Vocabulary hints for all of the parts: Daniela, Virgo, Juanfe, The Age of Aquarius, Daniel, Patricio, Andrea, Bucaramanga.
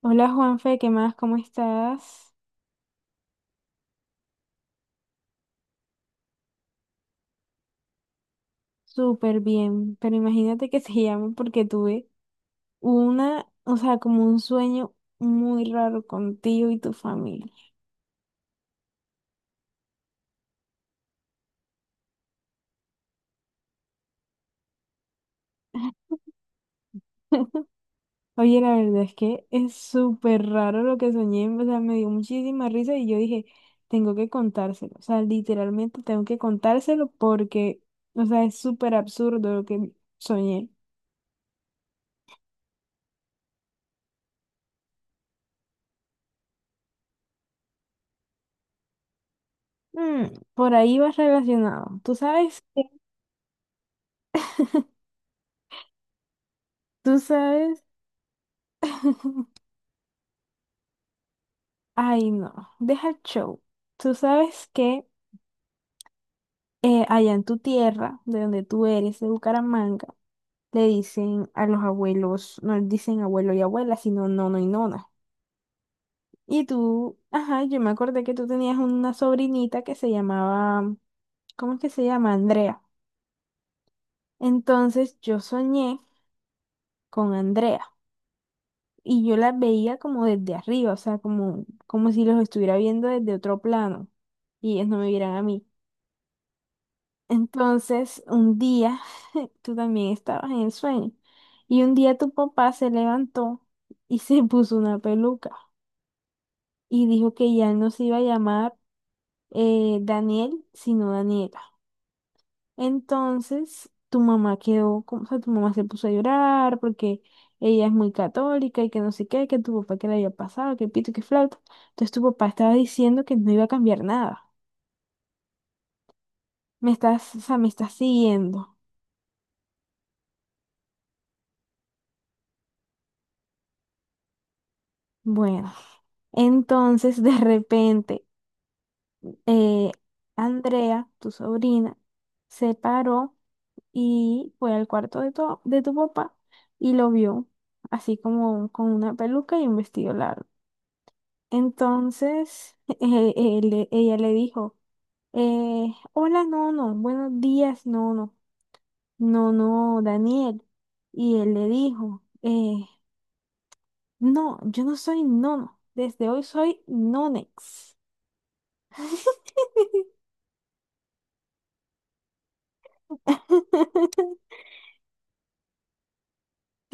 Hola Juanfe, ¿qué más? ¿Cómo estás? Súper bien, pero imagínate que se llama porque tuve una, o sea, como un sueño muy raro contigo y tu familia. Oye, la verdad es que es súper raro lo que soñé, o sea, me dio muchísima risa y yo dije, tengo que contárselo, o sea, literalmente tengo que contárselo porque, o sea, es súper absurdo lo que soñé. Mm, por ahí vas relacionado, tú sabes, tú sabes. Ay, no, deja el show. Tú sabes que allá en tu tierra, de donde tú eres, de Bucaramanga, le dicen a los abuelos, no les dicen abuelo y abuela, sino nono y nona. Y tú, ajá, yo me acordé que tú tenías una sobrinita que se llamaba, ¿cómo es que se llama? Andrea. Entonces yo soñé con Andrea y yo la veía como desde arriba, o sea, como, como si los estuviera viendo desde otro plano y ellos no me vieran a mí. Entonces, un día, tú también estabas en el sueño, y un día tu papá se levantó y se puso una peluca y dijo que ya no se iba a llamar Daniel, sino Daniela. Entonces, tu mamá quedó, como- o sea, tu mamá se puso a llorar porque ella es muy católica y que no sé qué, que tu papá que le había pasado, que pito, que flauta. Entonces, tu papá estaba diciendo que no iba a cambiar nada. Me estás, o sea, me estás siguiendo. Bueno, entonces de repente eh, Andrea, tu sobrina, se paró y fue al cuarto de tu papá y lo vio así como con una peluca y un vestido largo. Entonces él- ella le dijo, hola Nono, buenos días Nono, Nono Daniel. Y él le dijo, no, yo no soy Nono, desde hoy soy Nonex.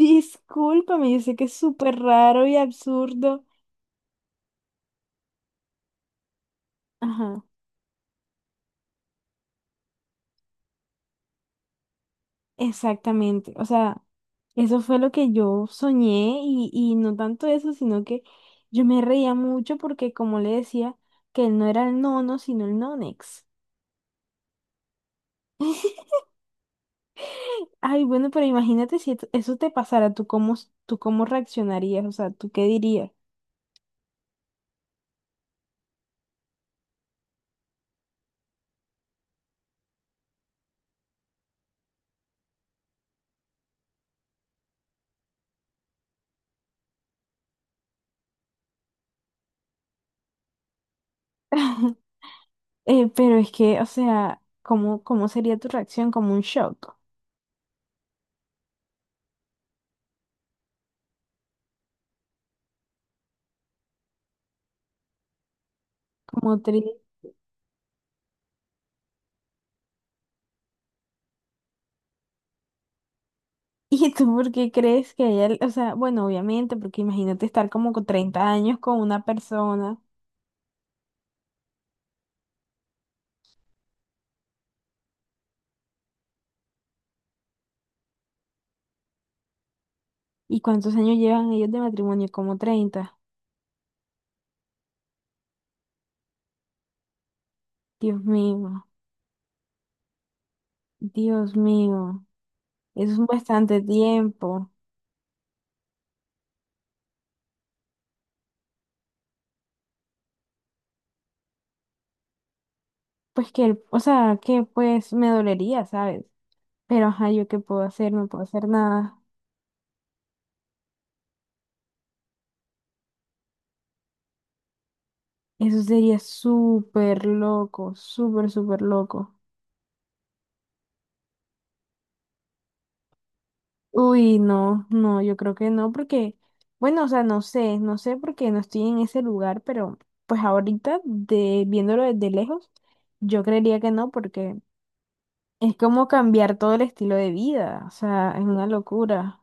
Discúlpame, yo sé que es súper raro y absurdo. Ajá, exactamente. O sea, eso fue lo que yo soñé y no tanto eso, sino que yo me reía mucho porque como le decía, que él no era el nono, sino el nonex. Ay, bueno, pero imagínate si esto- eso te pasara, tú cómo reaccionarías? O sea, ¿tú qué dirías? Pero es que, o sea, ¿cómo, cómo sería tu reacción? ¿Como un shock, como triste? ¿Y tú por qué crees que ella, o sea, bueno, obviamente, porque imagínate estar como con 30 años con una persona? ¿Y cuántos años llevan ellos de matrimonio? Como 30. Dios mío, Dios mío, eso es bastante tiempo. Pues que, él- o sea, que pues me dolería, ¿sabes? Pero ajá, ¿yo qué puedo hacer? No puedo hacer nada. Eso sería súper loco, súper, súper loco. Uy, no, no, yo creo que no, porque, bueno, o sea, no sé, no sé porque no estoy en ese lugar, pero pues ahorita, de, viéndolo desde lejos, yo creería que no, porque es como cambiar todo el estilo de vida, o sea, es una locura.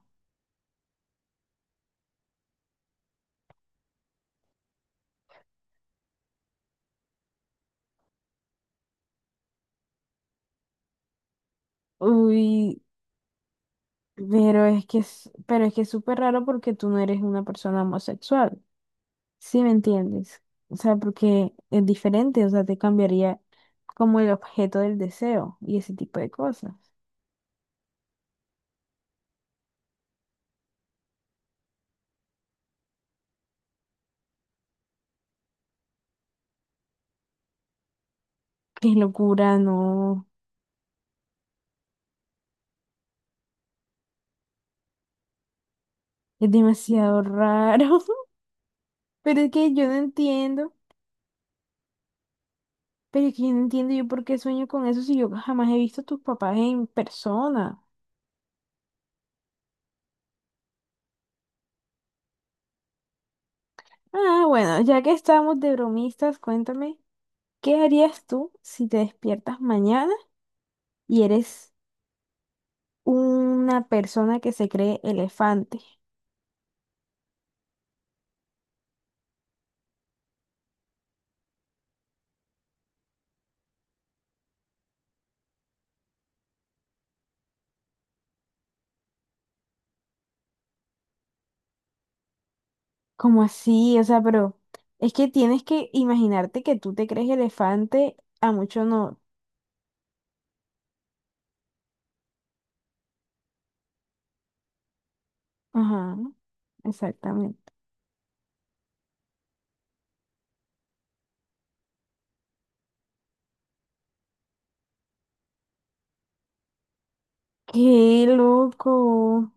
Uy, pero es que es, pero es que es súper raro porque tú no eres una persona homosexual, ¿sí me entiendes? O sea, porque es diferente, o sea, te cambiaría como el objeto del deseo y ese tipo de cosas. Qué locura, no. Es demasiado raro. Pero es que yo no entiendo. Pero es que yo no entiendo yo por qué sueño con eso si yo jamás he visto a tus papás en persona. Ah, bueno, ya que estamos de bromistas, cuéntame, ¿qué harías tú si te despiertas mañana y eres una persona que se cree elefante? ¿Cómo así? O sea, pero es que tienes que imaginarte que tú te crees elefante, a mucho no. Ajá, exactamente. Qué loco.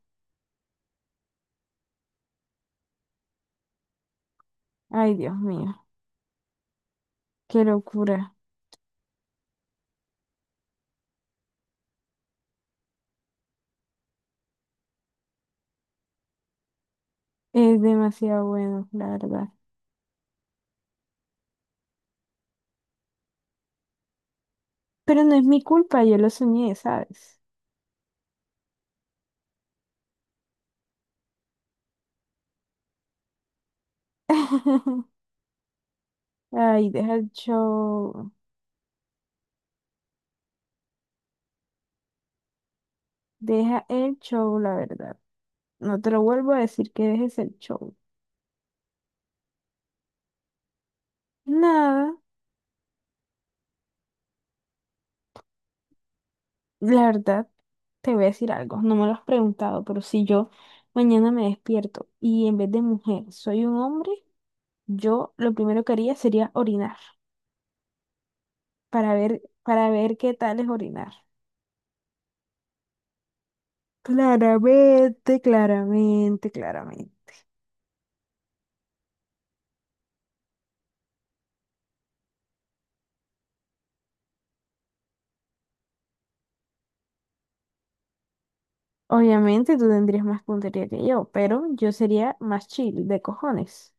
Ay, Dios mío, qué locura. Es demasiado bueno, la verdad. Pero no es mi culpa, yo lo soñé, ¿sabes? Ay, deja el show. Deja el show, la verdad. No te lo vuelvo a decir que dejes el show. Nada, la verdad, te voy a decir algo. No me lo has preguntado, pero si yo mañana me despierto y en vez de mujer soy un hombre, yo lo primero que haría sería orinar, para ver qué tal es orinar. Claramente, claramente, claramente. Obviamente tú tendrías más puntería que yo, pero yo sería más chill de cojones.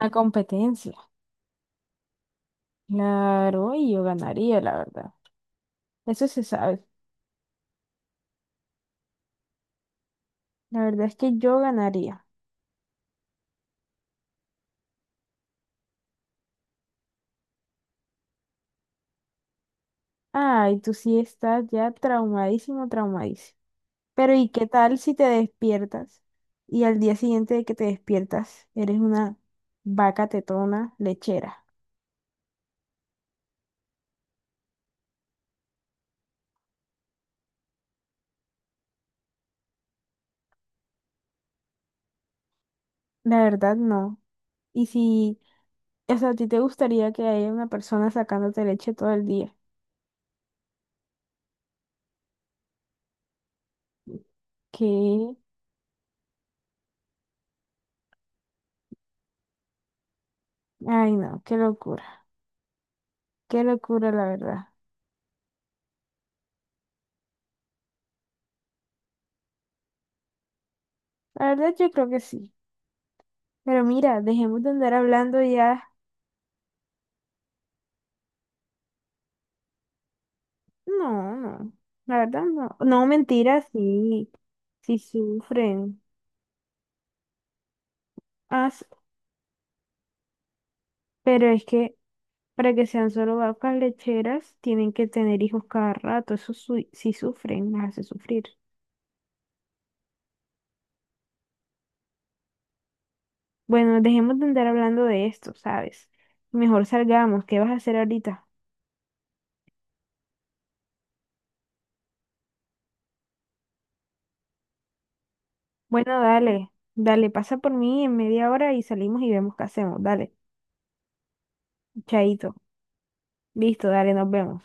La competencia. Claro, y yo ganaría, la verdad. Eso se sabe. La verdad es que yo ganaría. Ay, tú sí estás ya traumadísimo, traumadísimo. Pero ¿y qué tal si te despiertas y al día siguiente de que te despiertas eres una vaca tetona lechera? La verdad, no. Y si, o sea, a ti te gustaría que haya una persona sacándote leche todo el día. Que, ay no, qué locura la verdad. La verdad yo creo que sí. Pero mira, dejemos de andar hablando ya. No, no, la verdad no. No, mentira, sí, sí sufren. Ah, s- pero es que para que sean solo vacas lecheras, tienen que tener hijos cada rato. Eso su- sí sufren, las hace sufrir. Bueno, dejemos de andar hablando de esto, ¿sabes? Mejor salgamos. ¿Qué vas a hacer ahorita? Bueno, dale, dale, pasa por mí en media hora y salimos y vemos qué hacemos. Dale, chaito. Listo, dale, nos vemos.